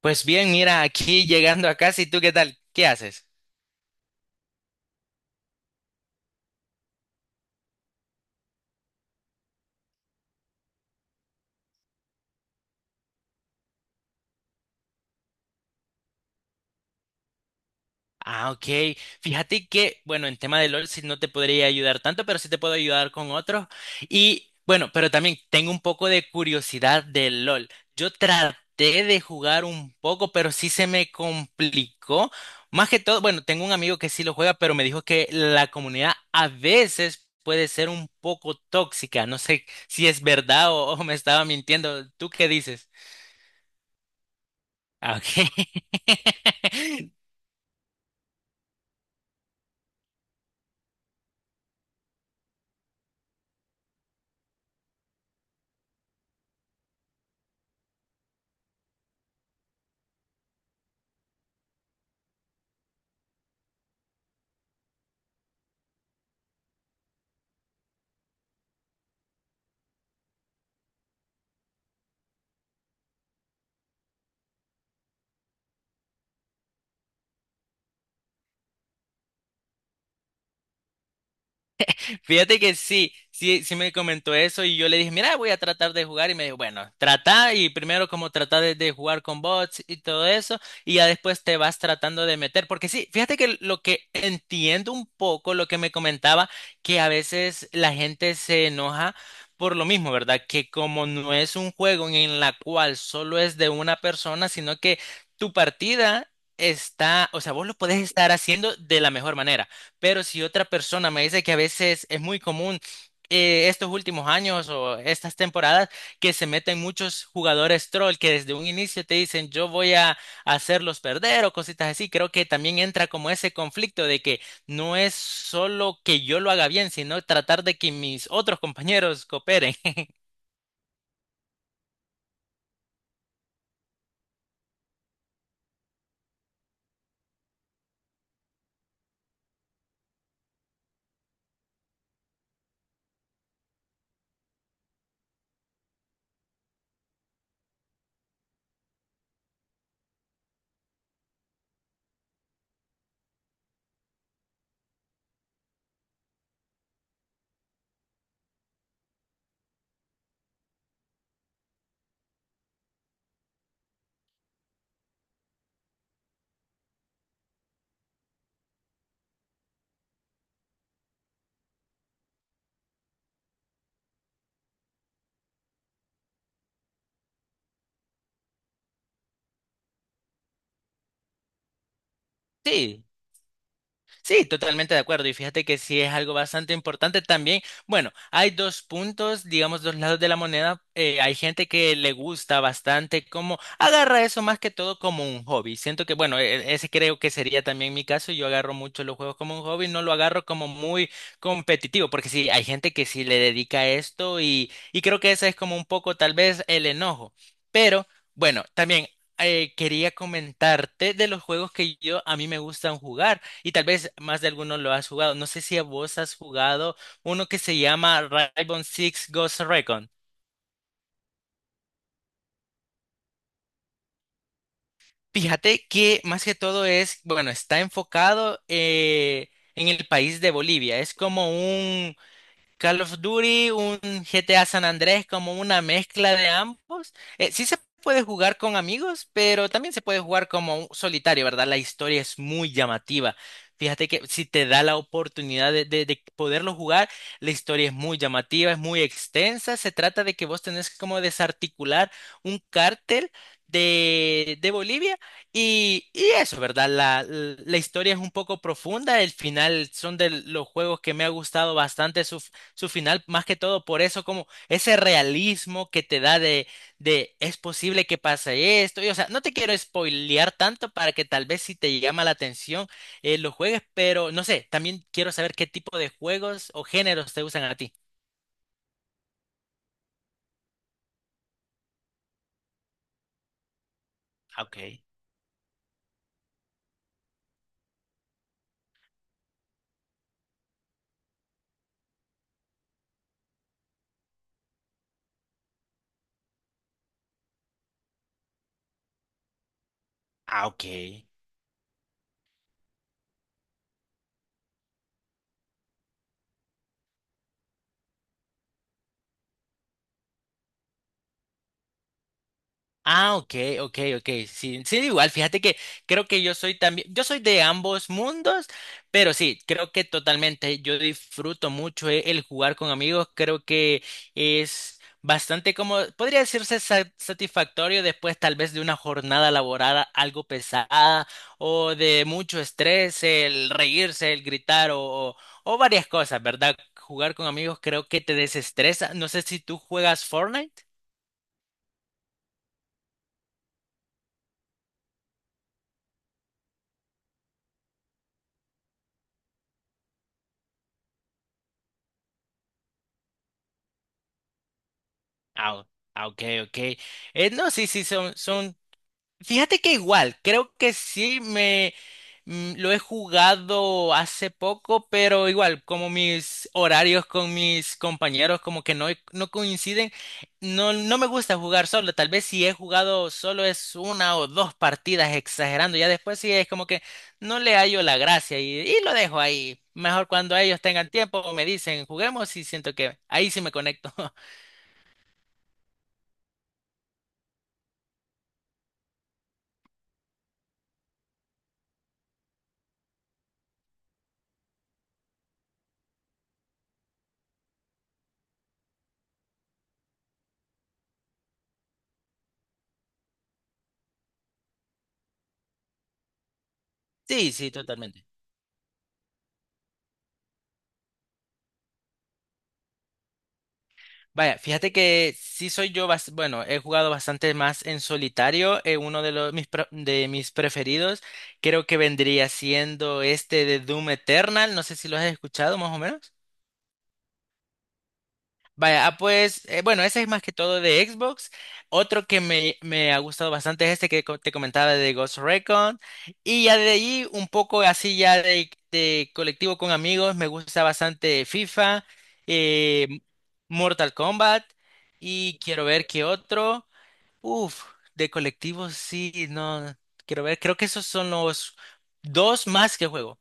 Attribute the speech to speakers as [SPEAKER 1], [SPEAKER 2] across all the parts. [SPEAKER 1] Pues bien, mira, aquí llegando a casa, ¿y tú qué tal? ¿Qué haces? Ah, ok. Fíjate que, bueno, en tema de LOL sí no te podría ayudar tanto, pero sí te puedo ayudar con otros. Y bueno, pero también tengo un poco de curiosidad de LOL. Yo traté de jugar un poco, pero sí se me complicó. Más que todo, bueno, tengo un amigo que sí lo juega, pero me dijo que la comunidad a veces puede ser un poco tóxica. No sé si es verdad o me estaba mintiendo. ¿Tú qué dices? Ah, ok. Fíjate que sí, me comentó eso y yo le dije, mira, voy a tratar de jugar y me dijo, bueno, trata y primero como trata de jugar con bots y todo eso y ya después te vas tratando de meter, porque sí, fíjate que lo que entiendo un poco lo que me comentaba, que a veces la gente se enoja por lo mismo, ¿verdad? Que como no es un juego en la cual solo es de una persona, sino que tu partida está, o sea, vos lo podés estar haciendo de la mejor manera. Pero si otra persona me dice que a veces es muy común estos últimos años o estas temporadas que se meten muchos jugadores troll que desde un inicio te dicen yo voy a hacerlos perder o cositas así, creo que también entra como ese conflicto de que no es solo que yo lo haga bien, sino tratar de que mis otros compañeros cooperen. Sí. Sí, totalmente de acuerdo. Y fíjate que sí es algo bastante importante también. Bueno, hay dos puntos, digamos, dos lados de la moneda. Hay gente que le gusta bastante, como agarra eso más que todo como un hobby. Siento que, bueno, ese creo que sería también mi caso. Yo agarro mucho los juegos como un hobby, no lo agarro como muy competitivo, porque sí, hay gente que sí le dedica a esto y creo que ese es como un poco tal vez el enojo. Pero, bueno, también quería comentarte de los juegos que yo a mí me gustan jugar. Y tal vez más de alguno lo has jugado. No sé si a vos has jugado uno que se llama Rainbow Six Ghost Recon. Fíjate que más que todo es, bueno, está enfocado en el país de Bolivia. Es como un Call of Duty, un GTA San Andrés, como una mezcla de ambos. Sí se puede jugar con amigos, pero también se puede jugar como un solitario, ¿verdad? La historia es muy llamativa. Fíjate que si te da la oportunidad de, de poderlo jugar, la historia es muy llamativa, es muy extensa. Se trata de que vos tenés como desarticular un cártel de Bolivia y eso, ¿verdad? La historia es un poco profunda. El final son de los juegos que me ha gustado bastante su final, más que todo por eso, como ese realismo que te da de es posible que pase esto. Y, o sea, no te quiero spoilear tanto para que tal vez si te llama la atención lo juegues, pero no sé, también quiero saber qué tipo de juegos o géneros te gustan a ti. Ah, ok. Ah, ok. Ah, ok, ok, ok. Sí, sí, igual, fíjate que creo que yo soy también, yo soy de ambos mundos, pero sí, creo que totalmente yo disfruto mucho el jugar con amigos, creo que es bastante como, podría decirse satisfactorio después tal vez de una jornada laboral algo pesada o de mucho estrés, el reírse, el gritar o, o o varias cosas, ¿verdad? Jugar con amigos creo que te desestresa. No sé si tú juegas Fortnite. Ah, ah, ok, ok. No, sí, sí, son. Fíjate que igual, creo que sí me lo he jugado hace poco, pero igual, como mis horarios con mis compañeros como que no, no coinciden, no, no me gusta jugar solo. Tal vez si he jugado solo es una o dos partidas exagerando. Ya después sí es como que no le hallo la gracia y lo dejo ahí. Mejor cuando ellos tengan tiempo me dicen, juguemos y siento que ahí sí me conecto. Sí, sí, totalmente. Vaya, fíjate que sí soy yo, bueno, he jugado bastante más en solitario. Uno de los de mis preferidos, creo que vendría siendo este de Doom Eternal. No sé si lo has escuchado, más o menos. Vaya, ah, pues, bueno, ese es más que todo de Xbox. Otro que me ha gustado bastante es este que te comentaba de Ghost Recon. Y ya de ahí, un poco así ya de colectivo con amigos, me gusta bastante FIFA, eh, Mortal Kombat. Y quiero ver qué otro. Uf, de colectivo sí, no. Quiero ver, creo que esos son los dos más que juego.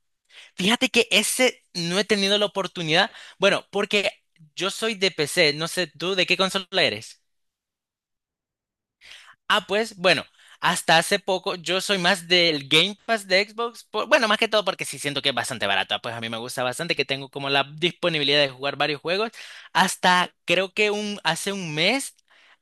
[SPEAKER 1] Fíjate que ese no he tenido la oportunidad. Bueno, porque yo soy de PC, no sé tú de qué consola eres. Ah, pues bueno, hasta hace poco yo soy más del Game Pass de Xbox. Bueno, más que todo porque sí siento que es bastante barato. Pues a mí me gusta bastante que tengo como la disponibilidad de jugar varios juegos. Hasta creo que hace un mes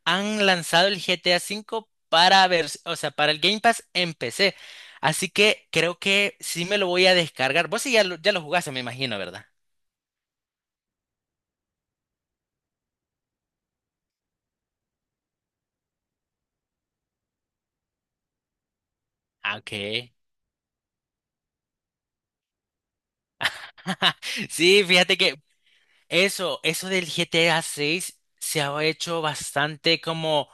[SPEAKER 1] han lanzado el GTA V para ver, o sea, para el Game Pass en PC. Así que creo que sí me lo voy a descargar. Vos sí ya lo jugaste, me imagino, ¿verdad? Ah, Okay. Sí, fíjate que eso del GTA 6 se ha hecho bastante como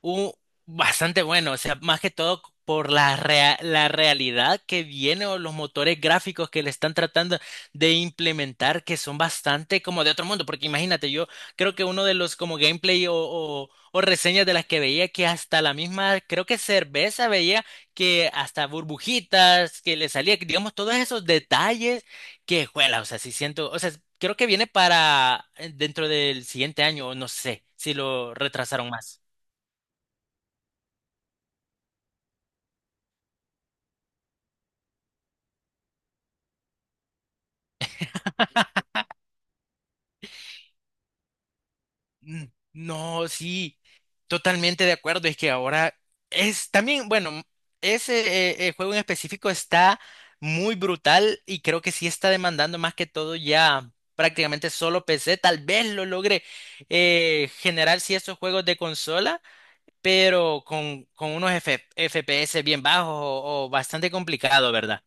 [SPEAKER 1] un bastante bueno, o sea, más que todo por la la realidad que viene o los motores gráficos que le están tratando de implementar que son bastante como de otro mundo, porque imagínate, yo creo que uno de los como gameplay o reseñas de las que veía que hasta la misma, creo que cerveza veía que hasta burbujitas que le salía, digamos, todos esos detalles. Qué juela, o sea, sí siento, o sea, creo que viene para dentro del siguiente año, o no sé, si lo retrasaron más. Mm, no, sí, totalmente de acuerdo, es que ahora es también, bueno, ese juego en específico está muy brutal y creo que sí está demandando más que todo ya prácticamente solo PC, tal vez lo logre generar si esos juegos de consola, pero con unos FPS bien bajos o bastante complicado, ¿verdad?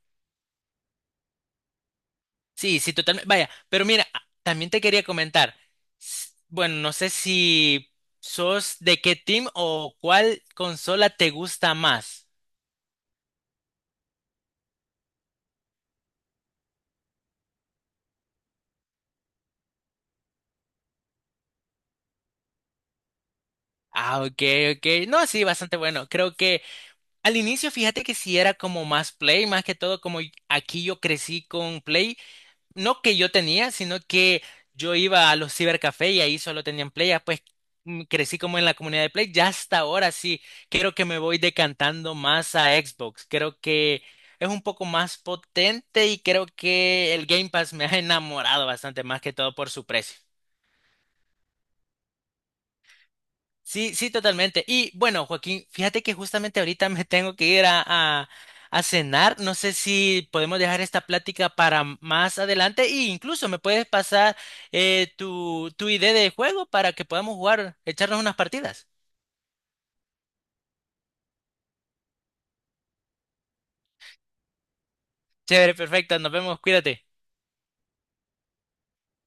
[SPEAKER 1] Sí, sí, totalmente. Vaya, pero mira, también te quería comentar. Bueno, no sé si sos de qué team o cuál consola te gusta más. Ah, ok, ok. No, sí, bastante bueno. Creo que al inicio, fíjate que sí era como más Play, más que todo, como aquí yo crecí con Play. No que yo tenía, sino que yo iba a los cibercafés y ahí solo tenían Play, ya pues crecí como en la comunidad de Play, ya hasta ahora sí, creo que me voy decantando más a Xbox, creo que es un poco más potente y creo que el Game Pass me ha enamorado bastante más que todo por su precio. Sí, sí, totalmente. Y bueno, Joaquín, fíjate que justamente ahorita me tengo que ir a cenar. No sé si podemos dejar esta plática para más adelante e incluso me puedes pasar tu, tu idea de juego para que podamos jugar, echarnos unas partidas. Chévere, perfecto. Nos vemos, cuídate.